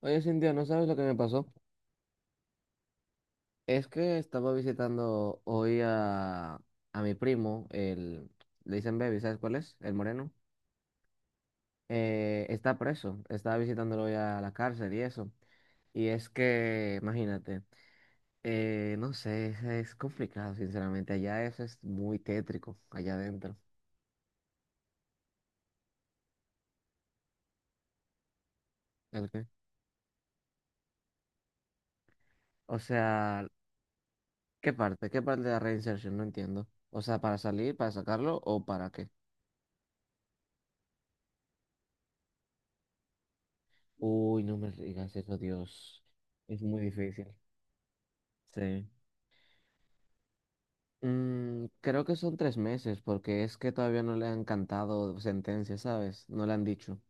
Oye, Cintia, ¿no sabes lo que me pasó? Es que estaba visitando hoy a mi primo, le dicen Baby, ¿sabes cuál es? El moreno. Está preso, estaba visitándolo hoy a la cárcel y eso. Y es que, imagínate, no sé, es complicado, sinceramente. Allá eso es muy tétrico, allá adentro. ¿El qué? O sea, ¿qué parte? ¿Qué parte de la reinserción? No entiendo. O sea, ¿para salir, para sacarlo o para qué? Uy, no me digas eso, Dios. Es muy difícil. Sí. Creo que son 3 meses, porque es que todavía no le han cantado sentencia, ¿sabes? No le han dicho.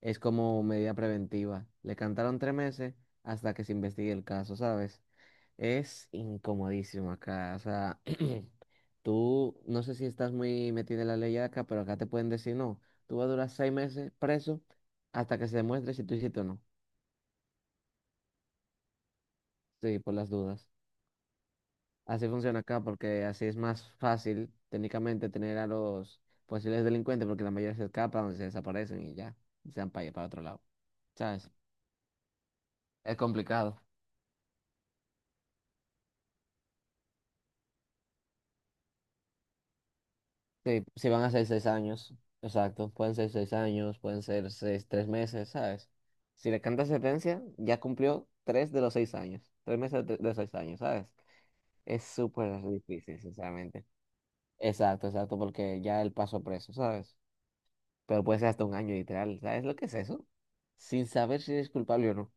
Es como medida preventiva. Le cantaron 3 meses hasta que se investigue el caso, ¿sabes? Es incomodísimo acá. O sea, tú no sé si estás muy metido en la ley acá, pero acá te pueden decir no. Tú vas a durar 6 meses preso hasta que se demuestre si tú hiciste o no. Sí, por las dudas. Así funciona acá porque así es más fácil técnicamente tener a los posibles delincuentes porque la mayoría se escapan, se desaparecen y ya, y se van para otro lado. ¿Sabes? Es complicado. Sí, si van a ser 6 años, exacto, pueden ser 6 años, pueden ser 6, 3 meses, ¿sabes? Si le cantas sentencia, ya cumplió 3 de los 6 años, 3 meses de los 6 años, ¿sabes? Es súper difícil, sinceramente. Exacto, exacto, porque ya él pasó preso, ¿sabes? Pero puede ser hasta un año, literal. ¿Sabes lo que es eso? Sin saber si eres culpable o no.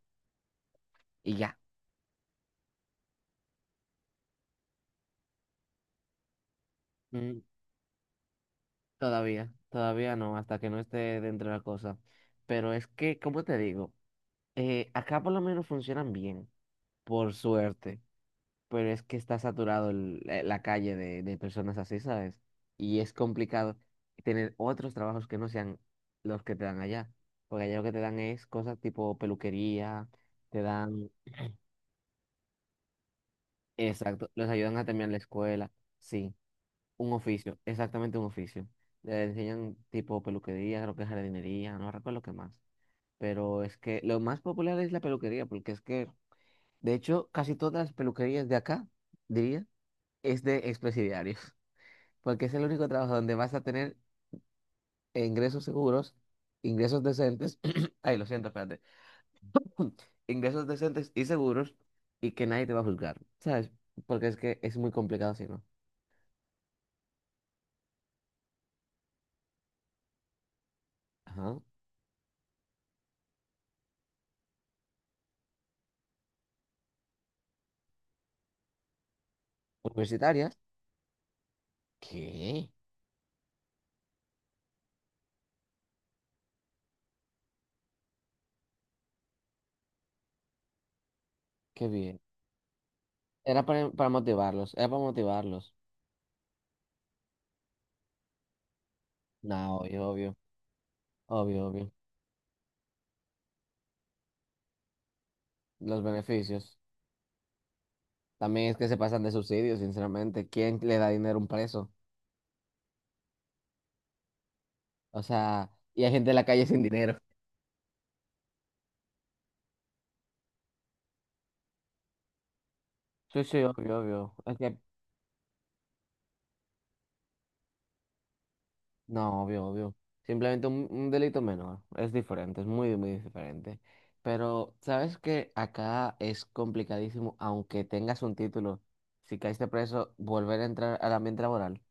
Y ya. Mm, todavía no, hasta que no esté dentro de la cosa. Pero es que, como te digo? Acá por lo menos funcionan bien, por suerte. Pero es que está saturado la calle de personas así, ¿sabes? Y es complicado tener otros trabajos que no sean los que te dan allá. Porque allá lo que te dan es cosas tipo peluquería, te dan, exacto, los ayudan a terminar la escuela. Sí. Un oficio, exactamente un oficio. Le enseñan tipo peluquería, creo que jardinería, no recuerdo qué más. Pero es que lo más popular es la peluquería, porque es que, de hecho, casi todas las peluquerías de acá, diría, es de expresidiarios, porque es el único trabajo donde vas a tener ingresos seguros, ingresos decentes, ay, lo siento, espérate, ingresos decentes y seguros y que nadie te va a juzgar, ¿sabes? Porque es que es muy complicado si no. Ajá. Universitarias, ¿qué? Qué bien. Era para motivarlos, era para motivarlos. No, obvio, obvio, obvio, obvio. Los beneficios. También es que se pasan de subsidios, sinceramente. ¿Quién le da dinero a un preso? O sea, y hay gente en la calle sin dinero. Sí, sí, obvio, obvio. Es que, no, obvio, obvio. Simplemente un delito menor. Es diferente, es muy, muy diferente. Pero, ¿sabes qué? Acá es complicadísimo, aunque tengas un título, si caíste preso, volver a entrar al ambiente laboral.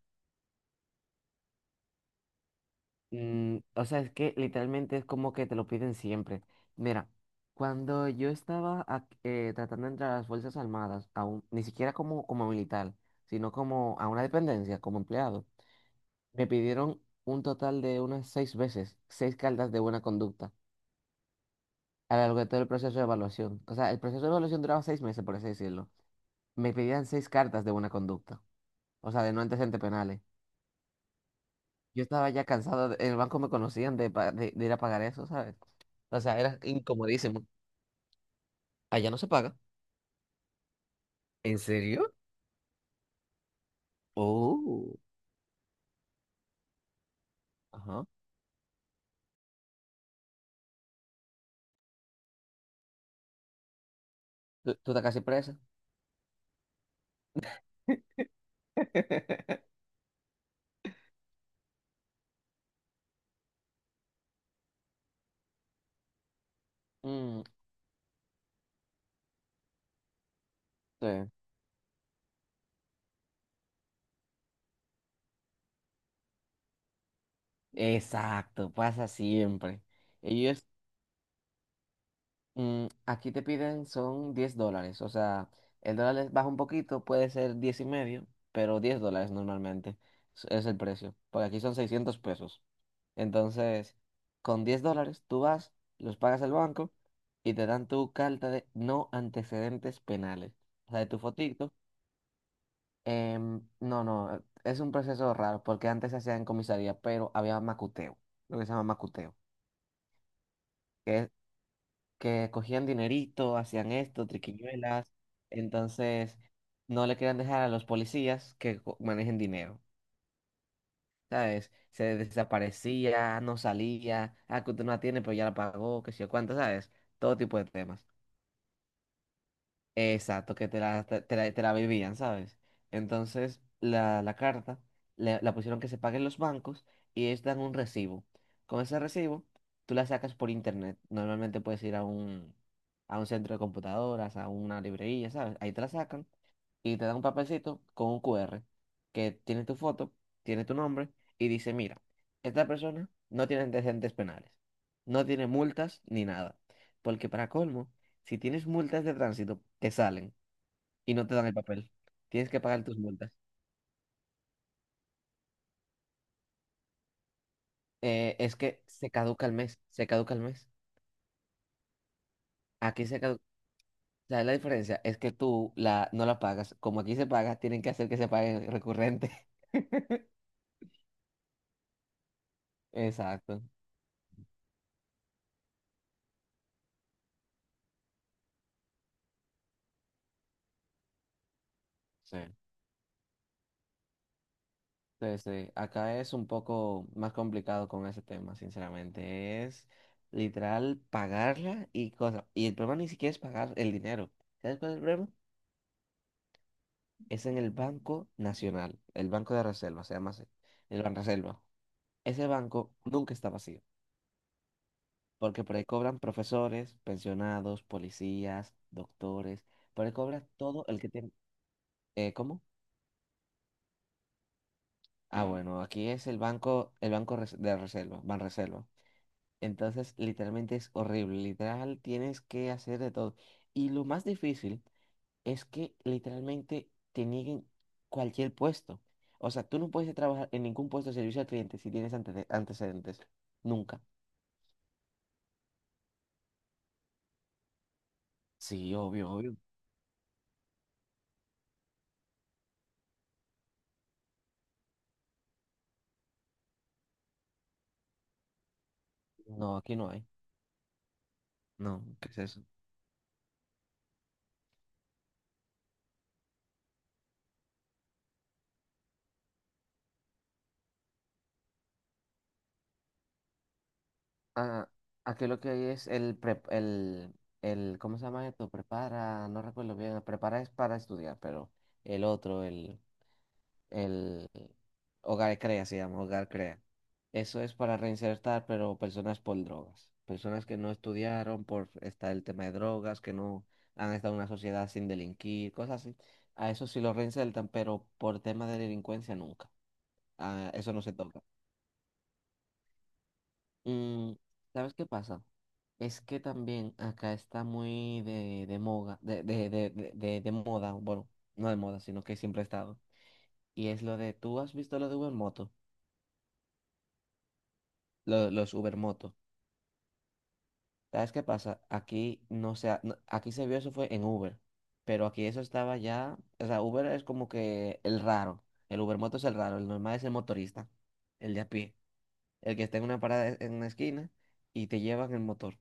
Mm, o sea, es que literalmente es como que te lo piden siempre. Mira, cuando yo estaba tratando de entrar a las Fuerzas Armadas, aún, ni siquiera como, como militar, sino como a una dependencia, como empleado, me pidieron un total de unas 6 veces, 6 cartas de buena conducta a lo largo de todo el proceso de evaluación. O sea, el proceso de evaluación duraba 6 meses, por así decirlo. Me pedían 6 cartas de buena conducta, o sea, de no antecedentes penales. Yo estaba ya cansado, en el banco me conocían de, de ir a pagar eso, ¿sabes? O sea, era incomodísimo. Allá no se paga. ¿En serio? Oh, ajá. ¿Tú, tú estás casi presa? Mm, sí. Exacto, pasa siempre. Ellos. Aquí te piden son $10, o sea, el baja un poquito, puede ser 10 y medio, pero $10 normalmente es el precio, porque aquí son 600 pesos. Entonces, con $10 tú vas, los pagas al banco y te dan tu carta de no antecedentes penales, o sea, de tu fotito. No, no, es un proceso raro, porque antes se hacía en comisaría, pero había macuteo, lo que se llama macuteo, que cogían dinerito, hacían esto, triquiñuelas, entonces no le querían dejar a los policías que manejen dinero, ¿sabes? Se desaparecía, no salía, ah, que usted no la tiene, pero ya la pagó, qué sé yo cuánto, ¿sabes? Todo tipo de temas. Exacto, que te la vivían, ¿sabes? Entonces, la carta la pusieron que se paguen los bancos y ellos dan un recibo. Con ese recibo, tú la sacas por internet. Normalmente puedes ir a un centro de computadoras, a una librería, ¿sabes? Ahí te la sacan y te dan un papelcito con un QR que tiene tu foto, tiene tu nombre y dice, mira, esta persona no tiene antecedentes penales, no tiene multas ni nada. Porque para colmo, si tienes multas de tránsito, te salen y no te dan el papel. Tienes que pagar tus multas. Es que se caduca el mes, se caduca el mes. Aquí se caduca. ¿Sabes la diferencia? Es que tú la, no la pagas. Como aquí se paga, tienen que hacer que se pague recurrente. Exacto. Sí. Sí, sí. Acá es un poco más complicado con ese tema, sinceramente. Es literal pagarla y cosas. Y el problema ni siquiera es pagar el dinero. ¿Sabes cuál es el problema? Es en el Banco Nacional, el Banco de Reserva, se llama así, el Banreserva. Ese banco nunca está vacío, porque por ahí cobran profesores, pensionados, policías, doctores, por ahí cobra todo el que tiene... ¿cómo? Ah, bueno, aquí es el banco, el de reserva, Banreserva. Entonces, literalmente es horrible. Literal, tienes que hacer de todo. Y lo más difícil es que literalmente te nieguen cualquier puesto. O sea, tú no puedes trabajar en ningún puesto de servicio al cliente si tienes antecedentes. Nunca. Sí, obvio, obvio. No, aquí no hay. No, ¿qué es eso? Ah, aquí lo que hay es el, prep- el, ¿cómo se llama esto? Prepara, no recuerdo bien. Prepara es para estudiar, pero el otro, el Hogar Crea, se llama Hogar Crea. Eso es para reinsertar, pero personas por drogas, personas que no estudiaron por estar el tema de drogas, que no han estado en una sociedad sin delinquir, cosas así. A eso sí lo reinsertan, pero por tema de delincuencia nunca. A eso no se toca. Mm, ¿sabes qué pasa? Es que también acá está muy de moda, de moda, bueno, no de moda, sino que siempre ha estado. Y es lo de, ¿tú has visto lo de Ubermoto? Los Uber Moto. ¿Sabes qué pasa? Aquí no se, aquí se vio eso fue en Uber, pero aquí eso estaba ya, o sea, Uber es como que el raro, el Uber Moto es el raro, el normal es el motorista, el de a pie, el que está en una parada e, en una esquina y te llevan el motor,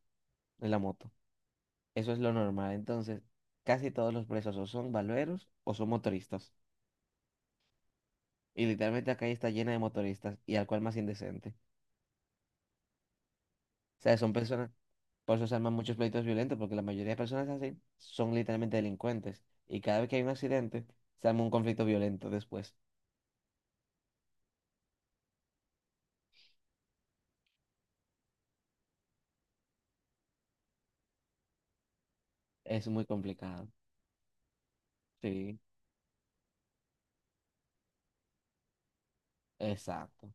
en la moto. Eso es lo normal. Entonces, casi todos los presos o son valveros o son motoristas. Y literalmente acá está llena de motoristas y al cual más indecente. O sea, son personas, por eso se arman muchos pleitos violentos, porque la mayoría de personas así son literalmente delincuentes. Y cada vez que hay un accidente, se arma un conflicto violento después. Es muy complicado. Sí, exacto.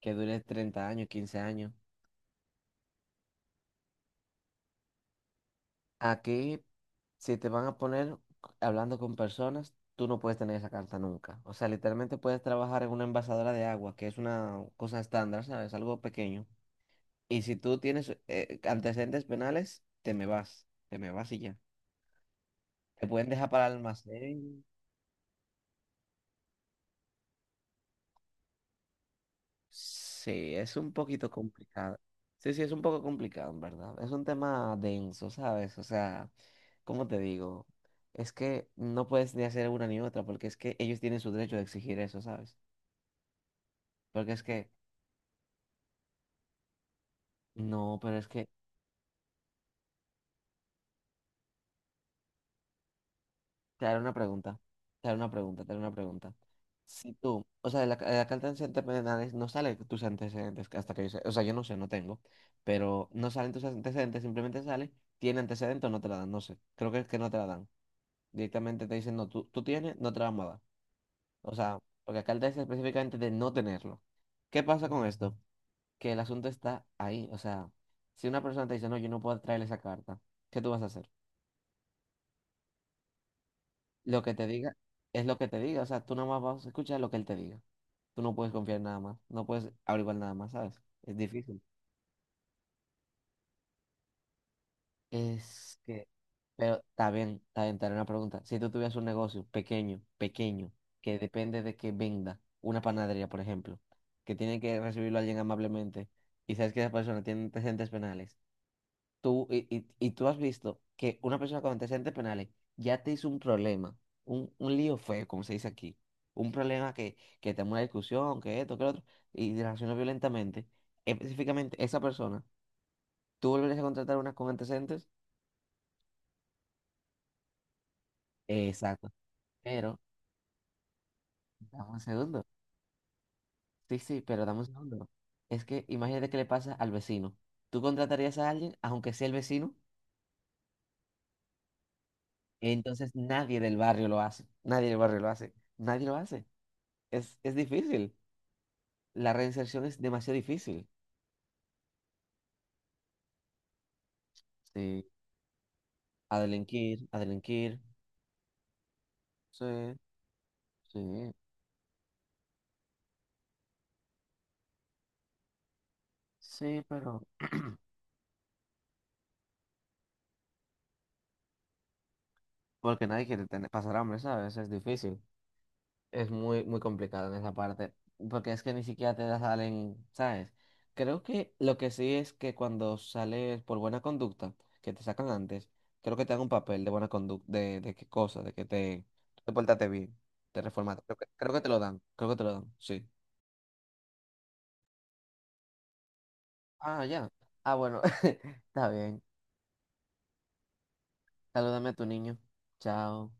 Que dure 30 años, 15 años. Aquí, si te van a poner hablando con personas, tú no puedes tener esa carta nunca. O sea, literalmente puedes trabajar en una envasadora de agua, que es una cosa estándar, ¿sabes? Algo pequeño. Y si tú tienes antecedentes penales, te me vas. Te me vas y ya. Te pueden dejar para el almacén. Sí, es un poquito complicado. Sí, sí, es un poco complicado, en verdad. Es un tema denso, ¿sabes? O sea, ¿cómo te digo? Es que no puedes ni hacer una ni otra, porque es que ellos tienen su derecho de exigir eso, ¿sabes? Porque es que, no, pero es que te haré una pregunta, te haré una pregunta, te haré una pregunta. Si tú, o sea, de la, de la carta de antecedentes penales no sale tus antecedentes, que hasta que yo sé, o sea, yo no sé, no tengo, pero no salen tus antecedentes, simplemente sale, tiene antecedentes o no te la dan, no sé, creo que es que no te la dan. Directamente te dicen, no, tú tienes, no te la vamos a dar. O sea, porque acá dice específicamente de no tenerlo. ¿Qué pasa con esto? Que el asunto está ahí, o sea, si una persona te dice, no, yo no puedo traer esa carta, ¿qué tú vas a hacer? Lo que te diga es lo que te diga, o sea, tú nada más vas a escuchar lo que él te diga. Tú no puedes confiar en nada más, no puedes averiguar nada más, ¿sabes? Es difícil. Es que, pero está bien, te haré una pregunta. Si tú tuvieras un negocio pequeño, pequeño, que depende de que venda, una panadería, por ejemplo, que tiene que recibirlo alguien amablemente, y sabes que esa persona tiene antecedentes penales, tú, y tú has visto que una persona con antecedentes penales ya te hizo un problema, un lío feo, como se dice aquí, un problema que te una discusión, que esto, que lo otro, y te reaccionó violentamente. Específicamente, esa persona, ¿tú volverías a contratar una con antecedentes? Exacto. Pero, dame un segundo. Sí, sí, pero dame un segundo. Es que imagínate qué le pasa al vecino. ¿Tú contratarías a alguien, aunque sea el vecino? Entonces nadie del barrio lo hace. Nadie del barrio lo hace. Nadie lo hace. Es difícil. La reinserción es demasiado difícil. Sí. A delinquir, a delinquir. Sí, sí, sí, pero... Porque nadie quiere tener, pasar hambre, ¿sabes? Es difícil. Es muy, muy complicado en esa parte. Porque es que ni siquiera te la salen, ¿sabes? Creo que lo que sí es que cuando sales por buena conducta, que te sacan antes, creo que te dan un papel de buena conducta, de qué cosa, de que te portaste bien, te reformaste. Creo que te lo dan, creo que te lo dan, sí. Ah, ya. Ah, bueno, está bien. Salúdame a tu niño. Chao.